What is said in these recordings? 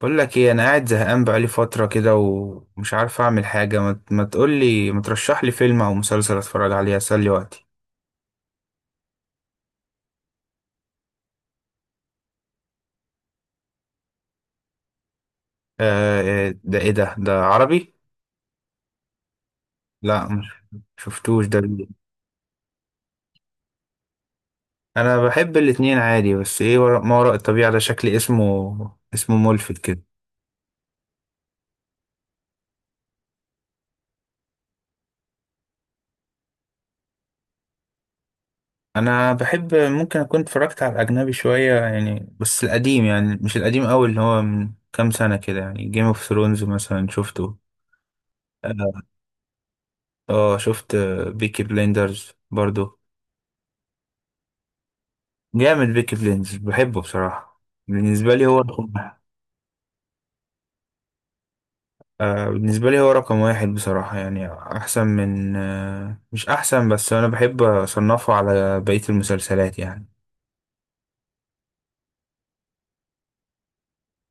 بقول لك ايه، انا قاعد زهقان بقالي فتره كده ومش عارف اعمل حاجه. ما تقول لي، ما ترشح لي فيلم او مسلسل اتفرج عليه اسلي وقتي. آه. آه، ده ايه ده عربي؟ لا مش شفتوش، ده جديد. انا بحب الاتنين عادي. بس ايه ورا ما وراء الطبيعه ده؟ شكل اسمه ملفت كده. انا بحب، ممكن اكون اتفرجت على الاجنبي شويه يعني، بس القديم، يعني مش القديم قوي، اللي هو من كام سنه كده. يعني جيم اوف ثرونز مثلا شفته. اه. آه، شفت بيكي بليندرز برضو. جامد، بيكي بليندز بحبه بصراحة. بالنسبة لي هو رقم، آه بالنسبة لي هو رقم واحد بصراحة. يعني أحسن من، آه مش أحسن، بس أنا بحب أصنفه على بقية المسلسلات يعني.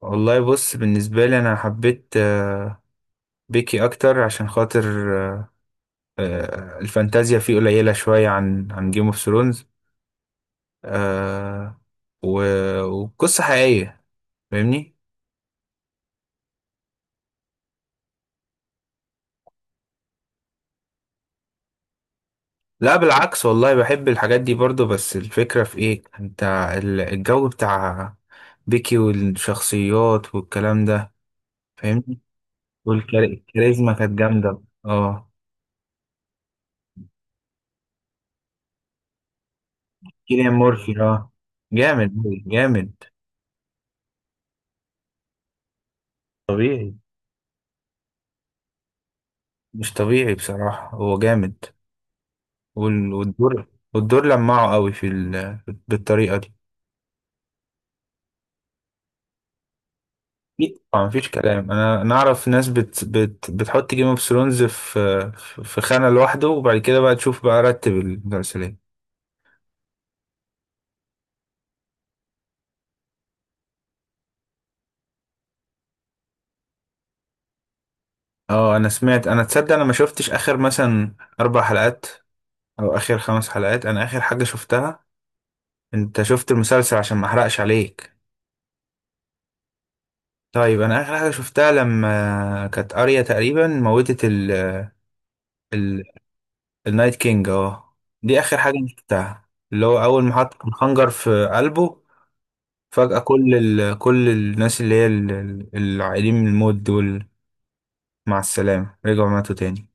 والله بص، بالنسبة لي أنا حبيت، آه بيكي أكتر، عشان خاطر، آه، آه الفانتازيا فيه قليلة شوية عن جيم اوف ثرونز. آه. وقصة حقيقية. فاهمني؟ لا بالعكس، والله بحب الحاجات دي برضو. بس الفكرة في ايه؟ انت الجو بتاع بيكي والشخصيات والكلام ده، فاهمني. والكاريزما كانت جامدة، اه. كيليان مورفي، اه. جامد أوي، جامد. طبيعي، مش طبيعي بصراحة، هو جامد. والدور، والدور لمعه قوي في ال... بالطريقة دي. أكيد طبعا، مفيش كلام. انا نعرف ناس بتحط جيم اوف ثرونز في في خانة لوحده، وبعد كده بقى تشوف بقى رتب المسلسلات. اه انا سمعت، انا تصدق انا ما شفتش اخر مثلا اربع حلقات او اخر خمس حلقات. انا اخر حاجة شفتها، انت شفت المسلسل عشان ما احرقش عليك؟ طيب انا اخر حاجة شفتها لما كانت اريا تقريبا موتت ال، ال النايت كينج، اه. دي اخر حاجة أنا شفتها، اللي هو اول ما حط الخنجر في قلبه. فجأة كل ال، كل الناس اللي هي العائلين من الموت دول مع السلامة، رجعوا ماتوا تاني.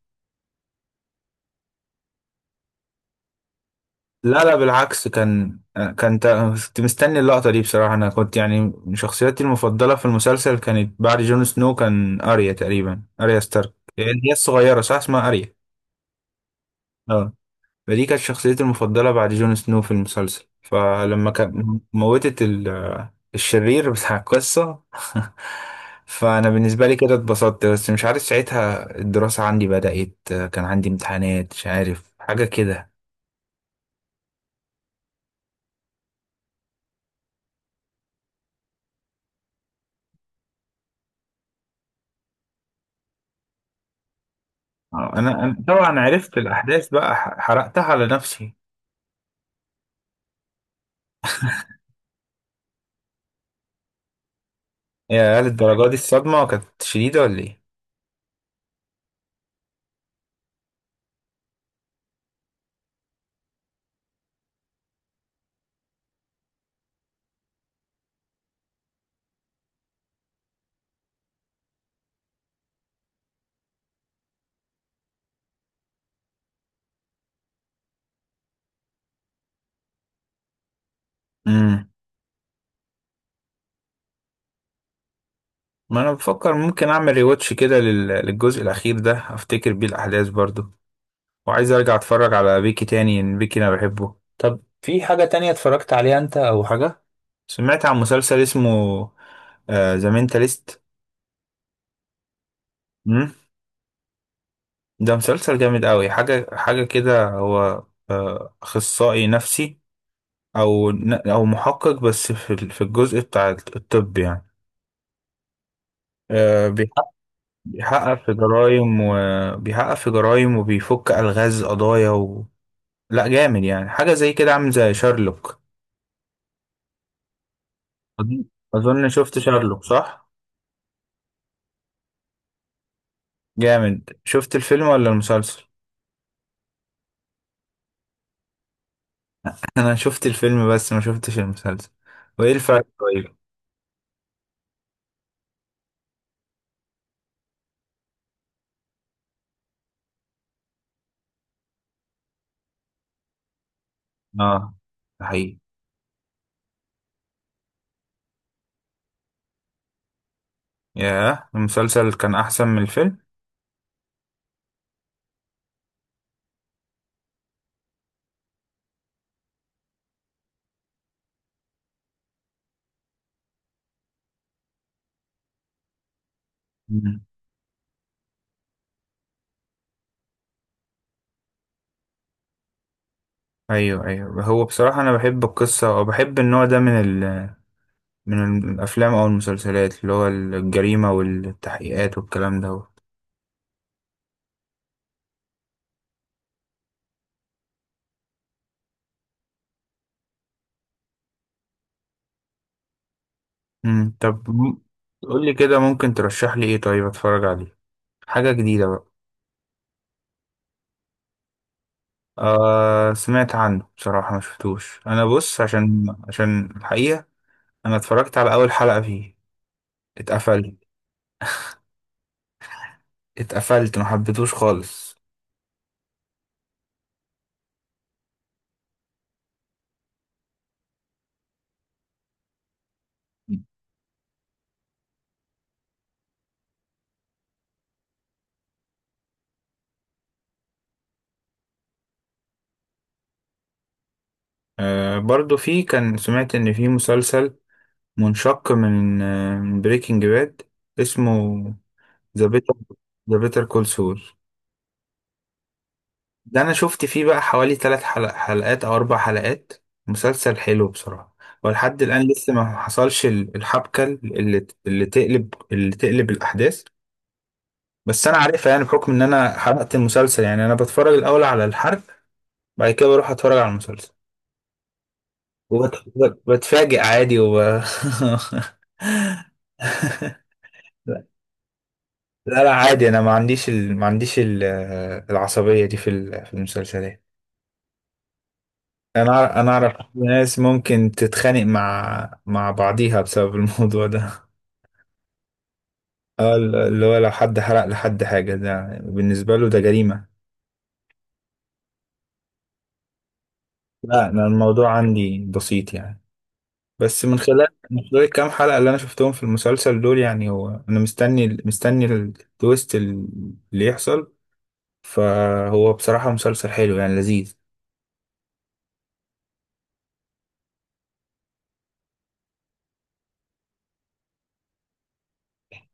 لا لا، بالعكس كان، كان كنت مستني اللقطة دي بصراحة. أنا كنت يعني شخصيتي المفضلة في المسلسل كانت بعد جون سنو كان أريا، تقريبا أريا ستارك. هي هي الصغيرة، صح اسمها أريا. اه. فدي كانت شخصيتي المفضلة بعد جون سنو في المسلسل، فلما كان موتت الشرير بتاع القصة، فأنا بالنسبة لي كده اتبسطت. بس مش عارف ساعتها الدراسة عندي بدأت، كان عندي امتحانات، مش عارف حاجة كده. آه، انا أنا طبعا عرفت الاحداث بقى، حرقتها على نفسي. يا هل الدرجه دي؟ الصدمه كانت شديده ولا ايه؟ امم ما انا بفكر ممكن اعمل ريواتش كده للجزء الاخير ده، افتكر بيه الاحداث برضو. وعايز ارجع اتفرج على بيكي تاني، ان بيكي انا بحبه. طب في حاجه تانية اتفرجت عليها انت، او حاجه سمعت عن مسلسل اسمه ذا مينتاليست؟ امم ده مسلسل جامد قوي. حاجه حاجه كده، هو اخصائي نفسي، او او محقق، بس في في الجزء بتاع الطب يعني. آه، بيحقق، بيحقق في جرائم، وبيحقق في جرائم، وبيفك الغاز قضايا و... لا جامد يعني، حاجه زي كده، عامل زي شارلوك. أظن، أظن شفت شارلوك، صح؟ جامد. شفت الفيلم ولا المسلسل؟ انا شفت الفيلم بس ما شفتش المسلسل. وايه الفرق طيب؟ اه ده حقيقي. ياه، المسلسل كان احسن من الفيلم. مم. ايوه ايوه، هو بصراحه انا بحب القصه وبحب النوع ده من ال، من الأفلام أو المسلسلات، اللي هو الجريمة والتحقيقات والكلام ده. طب قولي كده، ممكن ترشح لي إيه طيب أتفرج عليه؟ حاجة جديدة بقى. آه سمعت عنه بصراحة، ما شفتوش. أنا بص، عشان، عشان الحقيقة أنا اتفرجت على أول حلقة فيه، اتقفلت. اتقفلت، ما حبيتهوش خالص. آه برضو فيه، كان سمعت إن فيه مسلسل منشق من آه بريكنج باد اسمه ذا بيتر، ذا بيتر كول سول. ده انا شفت فيه بقى حوالي ثلاث حلقات او اربع حلقات. مسلسل حلو بصراحة، ولحد الان لسه ما حصلش الحبكة اللي، اللي تقلب الاحداث. بس انا عارفها يعني، بحكم ان انا حرقت المسلسل. يعني انا بتفرج الاول على الحرق، بعد كده بروح اتفرج على المسلسل. وبتفاجئ عادي وب... لا لا عادي، انا ما عنديش ال... ما عنديش ال... العصبية دي في في المسلسلات. انا اعرف ناس ممكن تتخانق مع بعضيها بسبب الموضوع ده. اه اللي هو لو حد حرق لحد حاجة، ده بالنسبة له ده جريمة. لا انا الموضوع عندي بسيط يعني. بس من خلال، من خلال الكام حلقة اللي انا شفتهم في المسلسل دول، يعني هو انا مستني، مستني التويست اللي يحصل. فهو بصراحة مسلسل حلو يعني، لذيذ.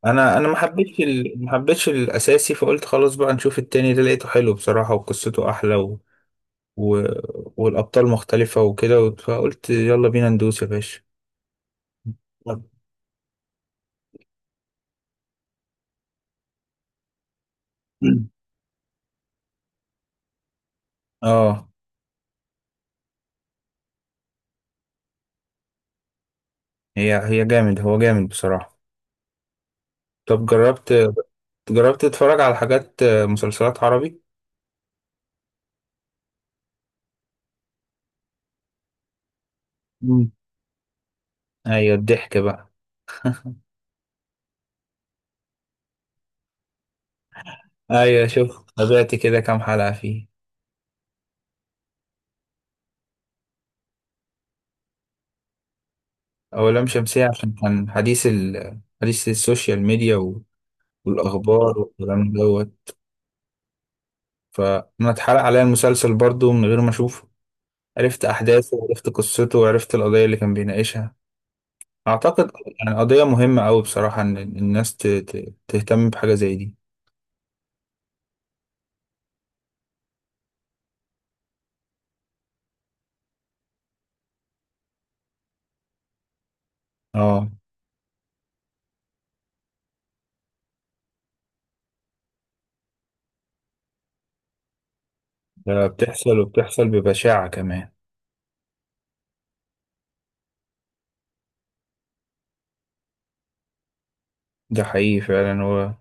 انا، انا ما حبيتش ال-، ما حبيتش الاساسي، فقلت خلاص بقى نشوف التاني ده، لقيته حلو بصراحة وقصته احلى. و... والأبطال مختلفة وكده، فقلت يلا بينا ندوس يا باشا. طب. اه. هي هي جامد، هو جامد بصراحة. طب جربت، جربت تتفرج على حاجات مسلسلات عربي؟ مم. ايوه الضحك بقى، ايوه شوف تابعت كده كام حلقة فيه. أولام شمسية عشان كان حديث ال...، حديث السوشيال ميديا و... والأخبار والكلام دوت. فأنا اتحرق عليا المسلسل برضو من غير ما أشوفه، عرفت أحداثه وعرفت قصته وعرفت القضية اللي كان بيناقشها. اعتقد يعني قضية مهمة أوي بصراحة، ان الناس تهتم بحاجة زي دي. اه ده بتحصل، وبتحصل ببشاعة كمان. ده حقيقي فعلا. هو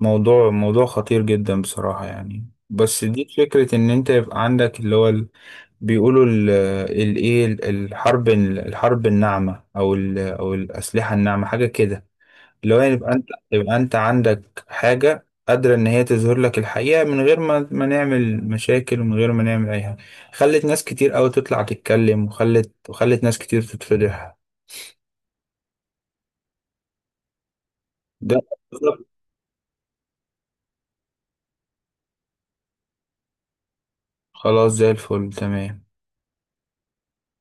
موضوع، موضوع خطير جدا بصراحة يعني. بس دي فكرة ان انت يبقى عندك اللي هو بيقولوا الايه، الحرب، الحرب الناعمة او او الأسلحة الناعمة حاجة كده. اللي هو يعني يبقى انت، يبقى انت عندك حاجة قادرة ان هي تظهر لك الحقيقة، من غير ما نعمل مشاكل ومن غير ما نعمل اي حاجة. خلت ناس كتير قوي تطلع تتكلم، وخلت ناس كتير تتفضح. ده خلاص، زي الفل تمام.